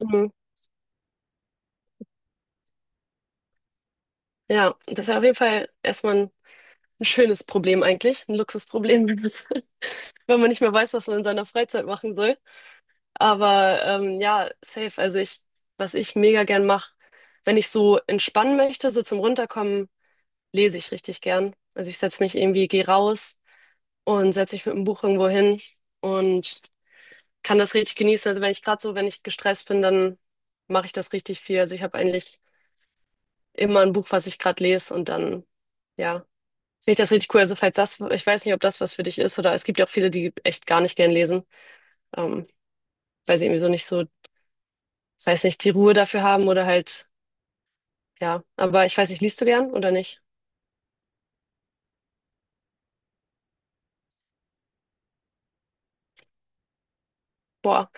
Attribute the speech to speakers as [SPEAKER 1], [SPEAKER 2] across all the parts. [SPEAKER 1] Mhm. Ja, das ist ja auf jeden Fall erstmal ein schönes Problem eigentlich, ein Luxusproblem, wenn man es wenn man nicht mehr weiß, was man in seiner Freizeit machen soll. Aber ja, safe. Also ich, was ich mega gern mache, wenn ich so entspannen möchte, so zum Runterkommen, lese ich richtig gern. Also ich setze mich irgendwie, gehe raus und setze mich mit dem Buch irgendwo hin und kann das richtig genießen. Also wenn ich gerade so, wenn ich gestresst bin, dann mache ich das richtig viel. Also ich habe eigentlich immer ein Buch, was ich gerade lese und dann, ja. Finde ich das richtig cool. Also falls das, ich weiß nicht, ob das was für dich ist, oder es gibt ja auch viele, die echt gar nicht gern lesen. Ähm, Weil sie irgendwie so nicht so, weiß nicht, die Ruhe dafür haben oder halt, ja. Aber ich weiß nicht, liest du gern oder nicht? Boah.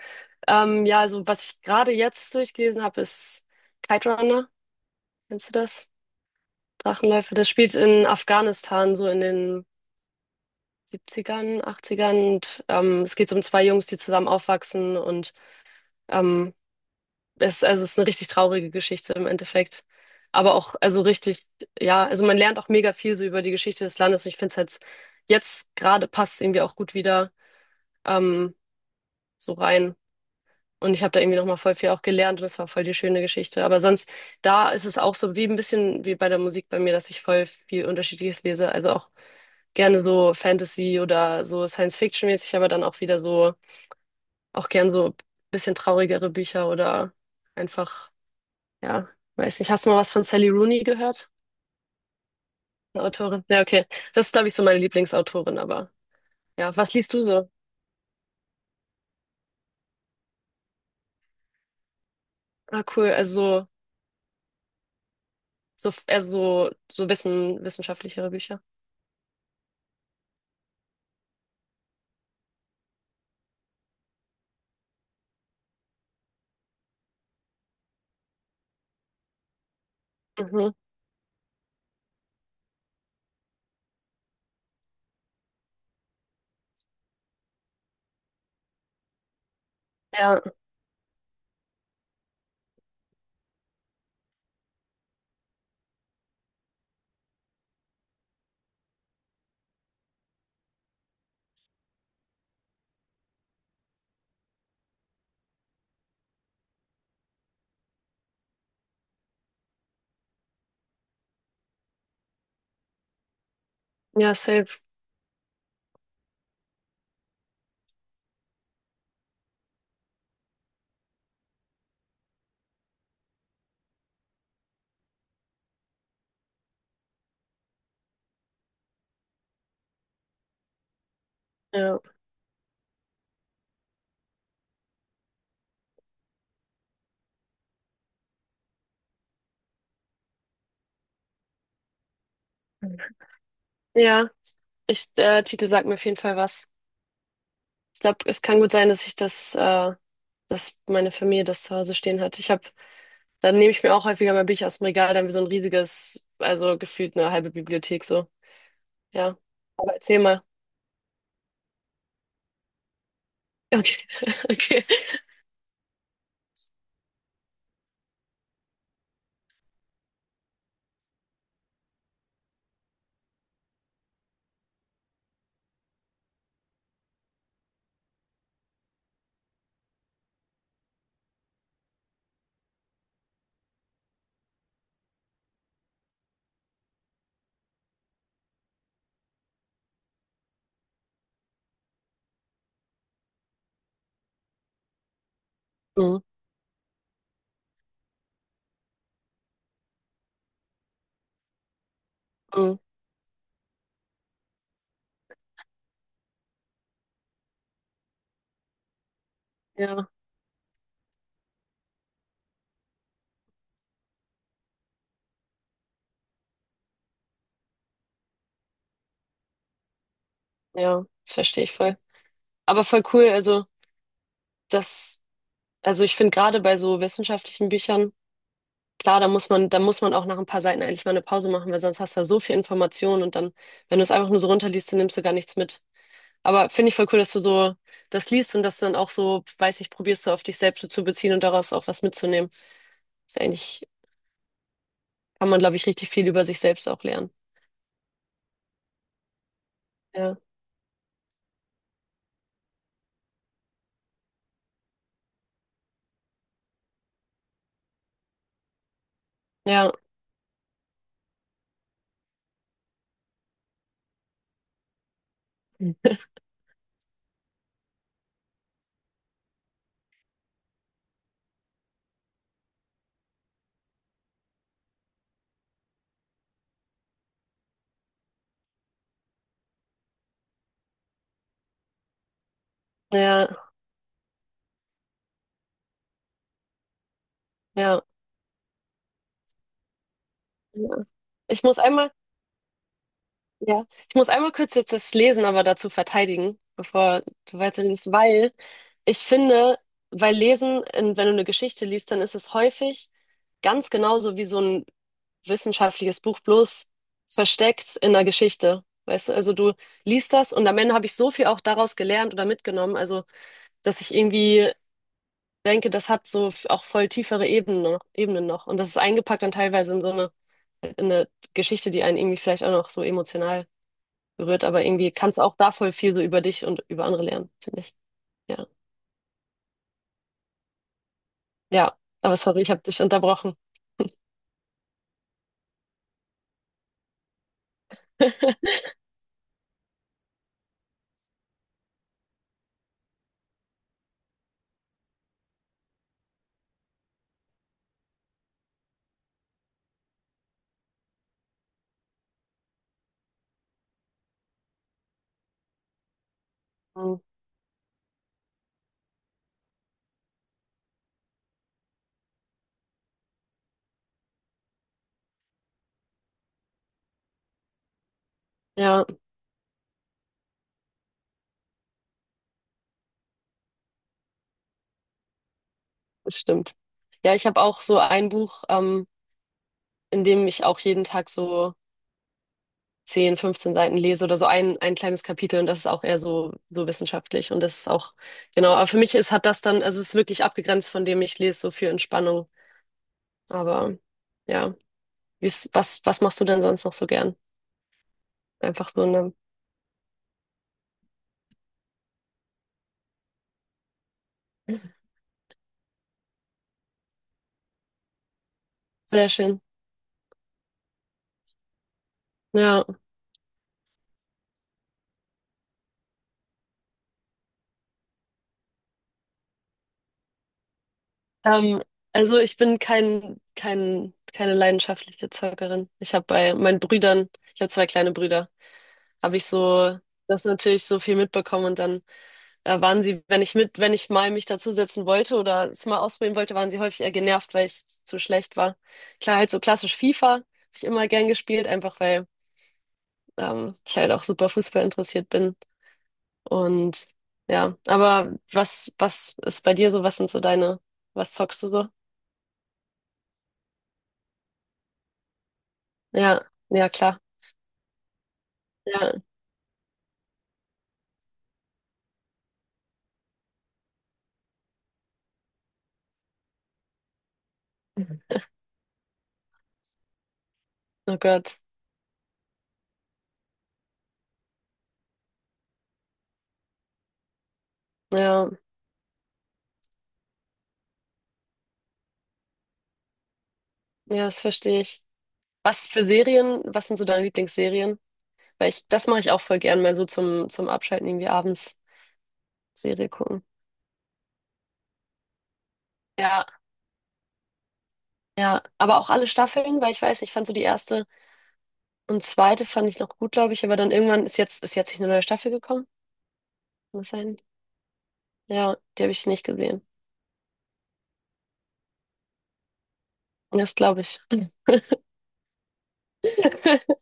[SPEAKER 1] Ja, also was ich gerade jetzt durchgelesen habe, ist Kite Runner. Kennst du das? Drachenläufe. Das spielt in Afghanistan, so in den 70ern, 80ern. Und es geht so um zwei Jungs, die zusammen aufwachsen. Und ähm, es, also es ist eine richtig traurige Geschichte im Endeffekt. Aber auch, also richtig, ja, also man lernt auch mega viel so über die Geschichte des Landes. Und ich finde es jetzt, jetzt gerade passt es irgendwie auch gut wieder ähm, so rein. Und ich habe da irgendwie nochmal voll viel auch gelernt und es war voll die schöne Geschichte. Aber sonst, da ist es auch so wie ein bisschen wie bei der Musik bei mir, dass ich voll viel Unterschiedliches lese. Also auch gerne so Fantasy oder so Science-Fiction-mäßig, aber dann auch wieder so, auch gern so ein bisschen traurigere Bücher oder einfach, ja, weiß nicht. Hast du mal was von Sally Rooney gehört? Eine Autorin? Ja, okay. Das ist, glaube ich, so meine Lieblingsautorin, aber ja, was liest du so? Ah, cool. Also so, so eher so, so wissen, wissenschaftlichere Bücher. Mhm. Ja, ja, safe. Ja, ja. Ich, der Titel sagt mir auf jeden Fall was. Ich glaube, es kann gut sein, dass ich das, dass meine Familie das zu Hause stehen hat. Ich habe, dann nehme ich mir auch häufiger mal Bücher aus dem Regal, dann wie so ein riesiges, also gefühlt eine halbe Bibliothek so. Ja. Aber erzähl mal. Okay, okay. Mhm. Mhm. Ja, ja, das verstehe ich voll. Aber voll cool, also das, also ich finde gerade bei so wissenschaftlichen Büchern. Klar, da muss man auch nach ein paar Seiten eigentlich mal eine Pause machen, weil sonst hast du ja so viel Information und dann, wenn du es einfach nur so runterliest, dann nimmst du gar nichts mit. Aber finde ich voll cool, dass du so das liest und das dann auch so, weiß ich, probierst du auf dich selbst so zu beziehen und daraus auch was mitzunehmen. Ist eigentlich, kann man, glaube ich, richtig viel über sich selbst auch lernen. Ja, ja, ja, ja. Ja. Ich muss einmal. Ja, ich muss einmal kurz jetzt das Lesen aber dazu verteidigen, bevor du weiterliest, weil ich finde, weil Lesen, wenn du eine Geschichte liest, dann ist es häufig ganz genauso wie so ein wissenschaftliches Buch, bloß versteckt in einer Geschichte. Weißt du, also du liest das und am Ende habe ich so viel auch daraus gelernt oder mitgenommen, also dass ich irgendwie denke, das hat so auch voll tiefere Ebenen noch, Ebenen noch. Und das ist eingepackt dann teilweise in so eine, in eine Geschichte, die einen irgendwie vielleicht auch noch so emotional berührt, aber irgendwie kannst du auch da voll viel so über dich und über andere lernen, finde ich. Ja. Ja, aber sorry, ich habe dich unterbrochen. Mhm. Ja, das stimmt. Ja, ich habe auch so ein Buch, in dem ich auch jeden Tag so 10, 15 Seiten lese oder so ein kleines Kapitel und das ist auch eher so, so wissenschaftlich und das ist auch, genau, aber für mich ist, hat das dann, also es ist wirklich abgegrenzt von dem ich lese, so für Entspannung. Aber ja, wie's, was, was machst du denn sonst noch so gern? Einfach so eine, sehr schön. Ja. Ähm, also ich bin kein, kein, keine leidenschaftliche Zockerin. Ich habe bei meinen Brüdern, ich habe zwei kleine Brüder, habe ich so das natürlich so viel mitbekommen und dann waren sie, wenn ich mit, wenn ich mal mich dazusetzen wollte oder es mal ausprobieren wollte, waren sie häufig eher genervt, weil ich zu schlecht war. Klar, halt so klassisch FIFA habe ich immer gern gespielt, einfach weil ich halt auch super Fußball interessiert bin. Und ja, aber was, was ist bei dir so? Was sind so deine, was zockst du so? Ja, ja, klar. Ja. Oh Gott. Ja, ja, das verstehe ich. Was für Serien, was sind so deine Lieblingsserien? Weil ich, das mache ich auch voll gern mal so zum, zum Abschalten irgendwie abends Serie gucken. Ja, ja. Aber auch alle Staffeln, weil ich weiß, ich fand so die erste und zweite fand ich noch gut, glaube ich, aber dann irgendwann ist jetzt nicht eine neue Staffel gekommen. Kann das sein? Ja, die habe ich nicht gesehen. Das glaube ich.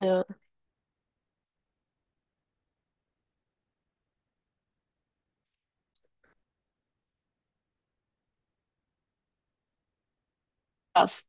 [SPEAKER 1] Ja, krass.